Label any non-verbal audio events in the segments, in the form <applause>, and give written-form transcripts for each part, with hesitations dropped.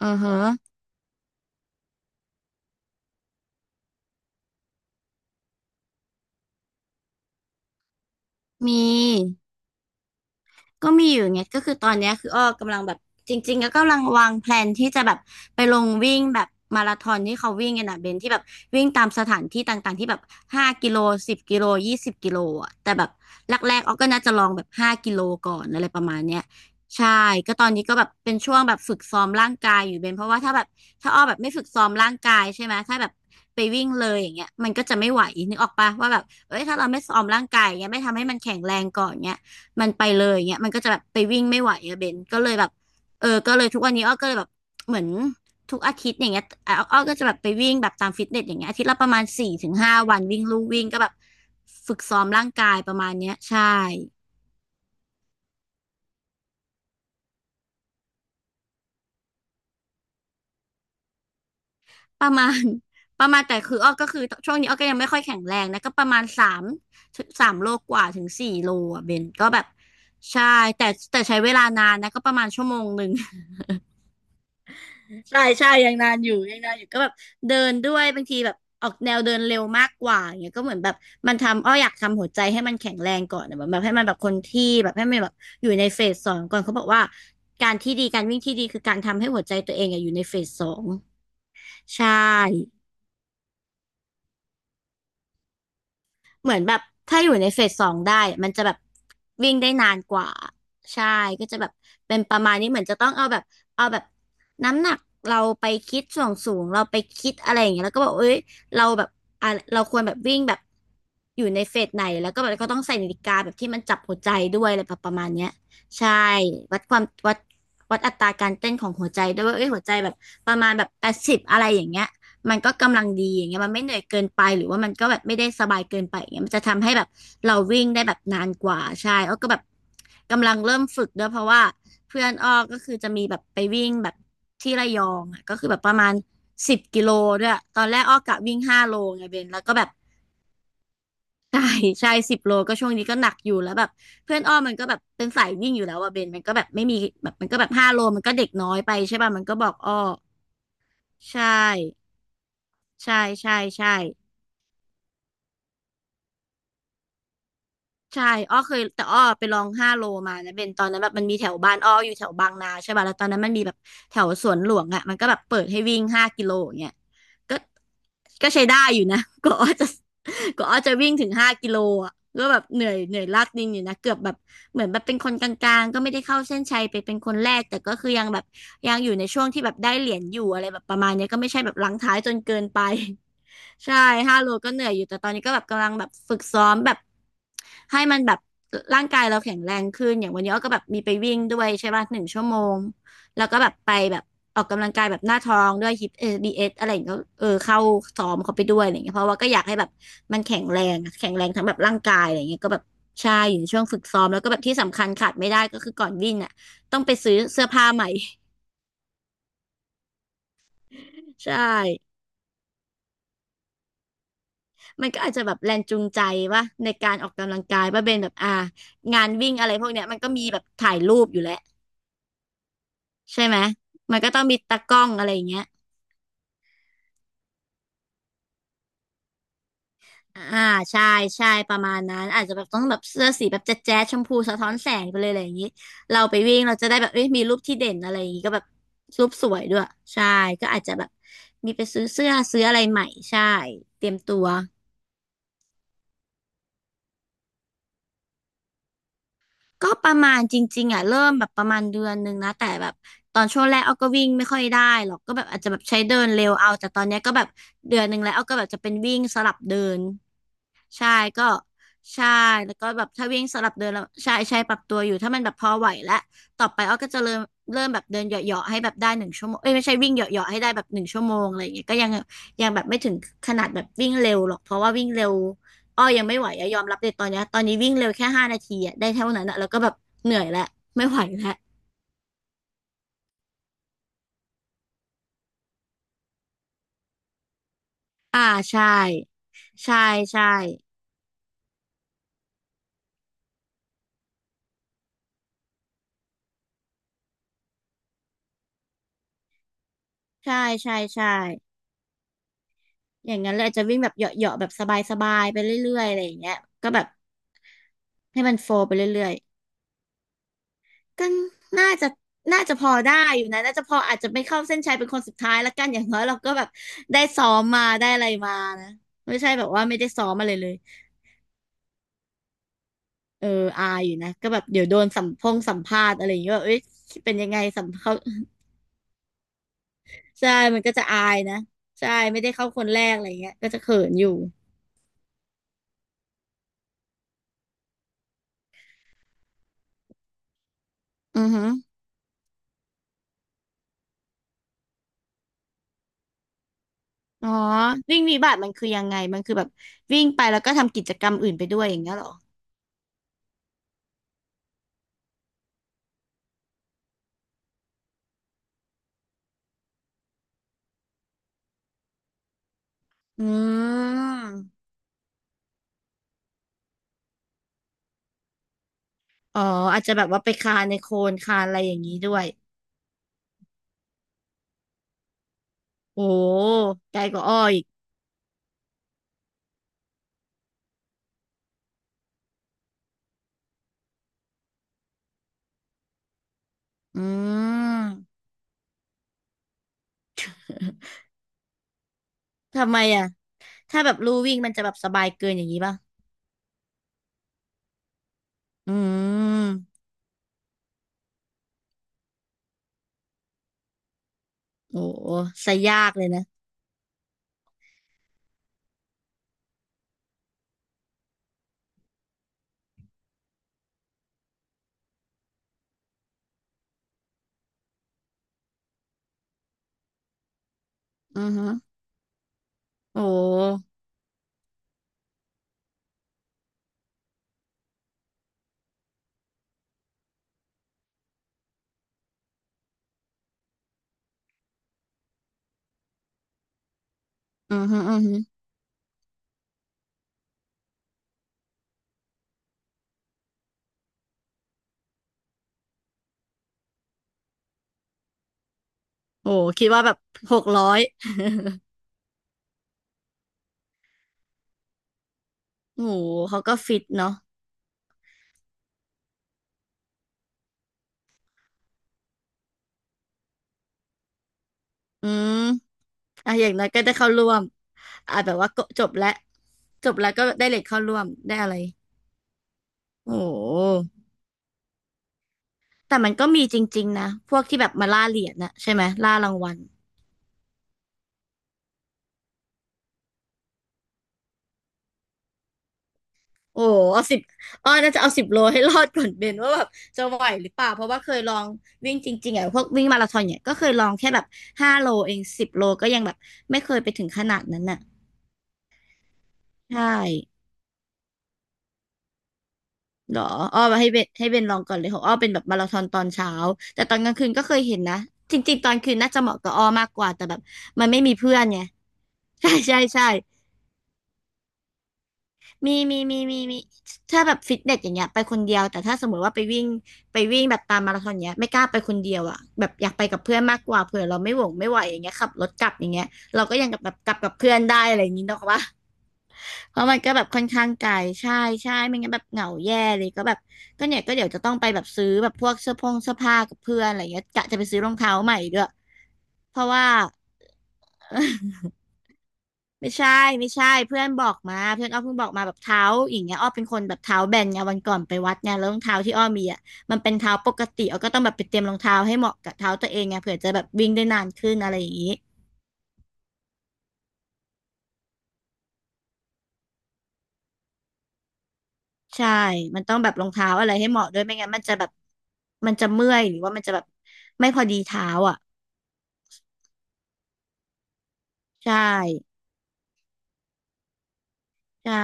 อือฮะมี ก็มีอยู่ไงก็คือตอนเนี้ยคืออ้อกำลังแบบจริงๆก็กำลังวางแพลนที่จะแบบไปลงวิ่งแบบมาราธอนที่เขาวิ่งกันนะเบนที่แบบวิ่งตามสถานที่ต่างๆที่แบบห้ากิโลสิบกิโล20กิโลอ่ะแต่แบบแรกๆอ้อก็น่าจะลองแบบห้ากิโลก่อนอะไรประมาณเนี้ยใช่ก็ตอนนี้ก็แบบเป็นช่วงแบบฝึกซ้อมร่างกายอยู่เบนเพราะว่าถ้าแบบถ้าอ้อแบบไม่ฝึกซ้อมร่างกายใช่ไหมถ้าแบบไปวิ่งเลยอย่างเงี้ยมันก็จะไม่ไหวนึกออกปะว่าแบบเอ้ยถ้าเราไม่ซ้อมร่างกายอย่างเงี้ยไม่ทำให้มันแข็งแรงก่อนเงี้ย มันไปเลยเงี้ยมันก็จะแบบไปวิ่งไม่ไหวอะเบนก็เลยแบบเออก็เลยทุกวันนี้อ้อก็เลยแบบเหมือนทุกอาทิตย์อย่างเงี้ยอ้อก็จะแบบไปวิ่งแบบตามฟิตเนสอย่างเงี้ยอาทิตย์ละประมาณ4ถึง5วันวิ่งลู่วิ่งก็แบบฝึกซ้อมร่างกายประมาณเนี้ยใช่ประมาณ <laughs> ประมาณแต่คืออ้อก็คือช่วงนี้อ้อก็ยังไม่ค่อยแข็งแรงนะก็ประมาณสามโลกว่าถึง4โลอ่ะเบนก็แบบใช่แต่แต่ใช้เวลานานนะก็ประมาณ1ชั่วโมง ใช่ใช่ยังนานอยู่ยังนานอยู่ก็แบบเดินด้วยบางทีแบบออกแนวเดินเร็วมากกว่าอย่างเงี้ยก็เหมือนแบบมันทำอ้ออยากทำหัวใจให้มันแข็งแรงก่อนอะแบบแบบให้มันแบบคนที่แบบให้มันแบบอยู่ในเฟสสองก่อนเขาบอกว่าการวิ่งที่ดีคือการทำให้หัวใจตัวเองอะอยู่ในเฟสสองใช่ เหมือนแบบถ้าอยู่ในเฟสสองได้มันจะแบบวิ่งได้นานกว่าใช่ก็จะแบบเป็นประมาณนี้เหมือนจะต้องเอาแบบเอาแบบน้ำหนักเราไปคิดส่วนสูงเราไปคิดอะไรอย่างเงี้ยแล้วก็บอกเอ้ยเราแบบอ่ะเราควรแบบวิ่งแบบอยู่ในเฟสไหนแล้วก็แบบก็ต้องใส่นาฬิกาแบบที่มันจับหัวใจด้วยอะไรแบบประมาณเนี้ยใช่วัดความวัดวัดอัตราการเต้นของหัวใจด้วยว่าเอ้ยหัวใจแบบประมาณแบบ80อะไรอย่างเงี้ย มันก็กำลังดีอย่างเงี้ยมันไม่เหนื่อยเกินไปหรือว่ามันก็แบบไม่ได้สบายเกินไปอย่างเงี้ยมันจะทำให้แบบเราวิ่งได้แบบนานกว่าใช่อ้อก็แบบกำลังเริ่มฝึกด้วยเพราะว่าเพื่อนอ้อก็คือจะมีแบบไปวิ่งแบบที่ระยองอ่ะก็คือแบบประมาณสิบกิโลด้วยตอนแรกอ้อกะวิ่งห้าโลไงเบนแล้วก็แบบ <laughs> ใช่ใช่10โลก็ช่วงนี้ก็หนักอยู่แล้วแบบเพื่อนอ้อมันก็แบบเป็นสายวิ่งอยู่แล้วอะเบนมันก็แบบไม่มีแบบมันก็แบบห้าโลมันก็เด็กน้อยไปใช่ป่ะมันก็บอกอ้อใช่ใช่ใช่ใช่ ใช่อ้อเคยแต่อ้อไปลองห้าโลมานะเป็นตอนนั้นแบบมันมีแถวบ้านอ้ออยู่แถวบางนาใช่ป่ะแล้วตอนนั้นมันมีแบบแถวสวนหลวงอ่ะมันก็แบบเปิดให้วิ่งห้ากิโลอย่างเงี้ยก็ก็ใช้ได้อยู่นะ <laughs> ก็อ้อจะก็อ้อจะวิ่งถึงห้ากิโลอ่ะก็แบบเหนื่อยเหนื่อยลากดินอยู่นะเกือบแบบเหมือนแบบเป็นคนกลางๆก็ไม่ได้เข้าเส้นชัยไปเป็นคนแรกแต่ก็คือยังแบบยังอยู่ในช่วงที่แบบได้เหรียญอยู่อะไรแบบประมาณเนี้ยก็ไม่ใช่แบบหลังท้ายจนเกินไป ใช่5โลก็เหนื่อยอยู่แต่ตอนนี้ก็แบบกำลังแบบฝึกซ้อมแบบให้มันแบบร่างกายเราแข็งแรงขึ้น อย่างวันนี้อ้อก็แบบมีไปวิ่งด้วยใช่ป่ะ1ชั่วโมง แล้วก็แบบไปแบบออกกำลังกายแบบหน้าท้องด้วยฮิปเอบีเอสอะไรอย่างเงี้ยก็เออเข้าซ้อมเขาไปด้วยอะไรอย่างเงี้ยเพราะว่าก็อยากให้แบบมันแข็งแรงอะแข็งแรงทั้งแบบร่างกายอะไรอย่างเงี้ยก็แบบใช่อยู่ในช่วงฝึกซ้อมแล้วก็แบบที่สำคัญขาดไม่ได้ก็คือก่อนวิ่งอ่ะต้องไปซื้อเสื้อผ้าใหม่ <laughs> ใช่ มันก็อาจจะแบบแรงจูงใจว่าในการออกกำลังกายว่าเป็นแบบงานวิ่งอะไรพวกเนี้ยมันก็มีแบบถ่ายรูปอยู่แล้วใช่ไหมมันก็ต้องมีตากล้องอะไรอย่างเงี้ยอ่าใช่ใช่ประมาณนั้นอาจจะแบบต้องแบบเสื้อสีแบบแจ๊ดแจ๊ดชมพูสะท้อนแสงไปเลยอะไรอย่างนี้เราไปวิ่งเราจะได้แบบเอ้ยมีรูปที่เด่นอะไรอย่างนี้ก็แบบรูปสวยด้วยใช่ก็อาจจะแบบมีไปซื้อเสื้อซื้ออะไรใหม่ใช่เตรียมตัว ก็ประมาณจริงๆอ่ะเริ่มแบบประมาณเดือนหนึ่งนะแต่แบบตอนช่วงแรกเอาก็วิ่งไม่ค่อยได้หรอกก็แบบอาจจะแบบใช้เดินเร็วเอาแต่ตอนเนี้ยก็แบบเดือนหนึ่งแล้วเอาก็แบบจะเป็นวิ่งสลับเดิน ใช่ก็ใช่แล้วก็แบบถ้าวิ่งสลับเดินแล้วใช่ใช่ปรับตัวอยู่ถ้ามันแบบพอไหวแล้วต่อไปอ้อก็จะเริ่มแบบเดินเหยาะๆให้แบบได้หนึ่งชั่วโมงเอ้ยไม่ใช่วิ่งเหยาะๆให้ได้แบบหนึ่งชั่วโมงอะไรอย่างเงี้ยก็ยังแบบไม่ถึงขนาดแบบวิ่งเร็วหรอกเพราะว่าวิ่งเร็วอ้อยังไม่ไหวอะยอมรับเลยตอนนี้วิ่งเร็วแค่ห้านาทีอะได้เท่านั้นอะแล้วก็แบบเหนื่อยแล้วไม่ไหวแล้วอ่าใช่ใช่ใช่ใช่ใช่ใช่ อย่างนั้นเลยอาจจะวิ่งแบบเหยาะๆแบบสบายๆไปเรื่อยๆอะไรอย่างเงี้ยก็แบบให้มันโฟลว์ไปเรื่อยๆก็น่าจะน่าจะพอได้อยู่นะน่าจะพออาจจะไม่เข้าเส้นชัยเป็นคนสุดท้ายละกันอย่างน้อยเราก็แบบได้ซ้อมมาได้อะไรมานะไม่ใช่แบบว่าไม่ได้ซ้อมอะไรเลยเอออายอยู่นะก็แบบเดี๋ยวโดนสัมภาษณ์อะไรอย่างเงี้ยว่าเอ้ยเป็นยังไงสัมเขา <laughs> ใช่มันก็จะอายนะใช่ไม่ได้เข้าคนแรกอะไรอย่างเงี้ยก็จะเขินอยู่อือฮึ อ๋อวิ่งวิบัติมันคือยังไงมันคือแบบวิ่งไปแล้วก็ทำกิจกรรมอื่นไปด้วยอย่างเงี้ยเหรออืมอ๋ออาจจะแบบว่าไปคานในโคลนคานอะไรอย่างนี้ด้วยโอ้ไกลกว่าอ้ออีกอืม <laughs> ทำไมอ่ะถ้าแบบลู่วิ่งมันจะแบบสบายเกินอย่างนี้ป่ะอืมโอ้ซะยากเลยนะอือฮึโอ้อือฮึอือฮึโอ้คิดว่าแบบหกร้อย <laughs> โอ้เขาก็ฟิตเนาะอืม อ่ะอย่างน้อยก็ได้เข้าร่วมอ่ะแบบว่าก็จบแล้วจบแล้วก็ได้เหรียญเข้าร่วมได้อะไรโอ้โหแต่มันก็มีจริงๆนะ พวกที่แบบมาล่าเหรียญนะใช่ไหมล่ารางวัลโอ้โหเอาสิบอ้อน่าจะเอาสิบโลให้รอดก่อนเบนว่าแบบจะไหวหรือเปล่า เพราะว่าเคยลองวิ่งจริงๆอ่ะพวกวิ่งมาราธอนเนี่ยก็เคยลองแค่แบบห้าโลเองสิบโลก็ยังแบบไม่เคยไปถึงขนาดนั้นน่ะใช่ เหรออ้อมาให้เบนลองก่อนเลยของอ้อเป็นแบบมาราธอนตอนเช้าแต่ตอนกลางคืนก็เคยเห็นนะจริงๆตอนคืนน่าจะเหมาะกับอ้อมากกว่าแต่แบบมันไม่มีเพื่อนไง <laughs> ใช่ใช่ใช่มีมีมีมีมีถ้าแบบฟิตเนสอย่างเงี้ยไปคนเดียวแต่ถ้าสมมติว่าไปวิ่งแบบตามมาราธอนเงี้ยไม่กล้าไปคนเดียวอ่ะแบบอยากไปกับเพื่อนมากกว่าเผื่อเราไม่หวงไม่ไหวอย่างเงี้ยขับรถกลับอย่างเงี้ยเราก็ยังกับแบบกลับกับเพื่อนได้อะไรอย่างงี้เนาะว่า เพราะมันก็แบบค่อนข้างไกลใช่ใช่ไม่งั้นแบบเหงาแย่เลยก็แบบก็เนี่ยก็เดี๋ยวจะต้องไปแบบซื้อแบบพวกเสื้อผงเสื้อผ้ากับเพื่อนอะไรเงี้ยกะจะไปซื้อรองเท้าใหม่ด้วยเพราะว่า <laughs> ไม่ใช่ไม่ใช่เพื่อนอ้อเพิ่งบอกมาแบบเท้าอย่างเงี้ยอ้อเป็นคนแบบเท้าแบนไงวันก่อนไปวัดไงแล้วรองเท้าที่อ้อมีอ่ะมันเป็นเท้าปกติอ้อก็ต้องแบบไปเตรียมรองเท้าให้เหมาะกับเท้าตัวเองไงเผื่อจะแบบวิ่งได้นานขึ้นอะไรอย่างงี้ ใช่ มันต้องแบบรองเท้าอะไรให้เหมาะด้วยไม่งั้นมันจะแบบมันจะเมื่อยหรือว่ามันจะแบบไม่พอดีเท้าอ่ะใช่ใช่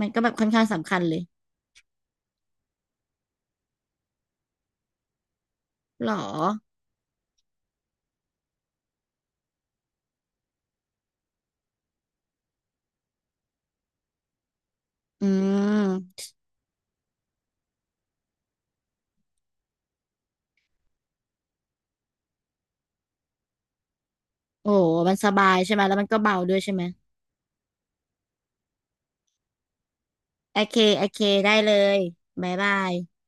มันก็แบบค่อนข้างสำคัญเลย หรอ อืมโอ้โหมันสบายใช่ไหมแล้วมันก็เบาด้วยใช่ไหมโอเคโอเคได้เลยบ๊ายบาย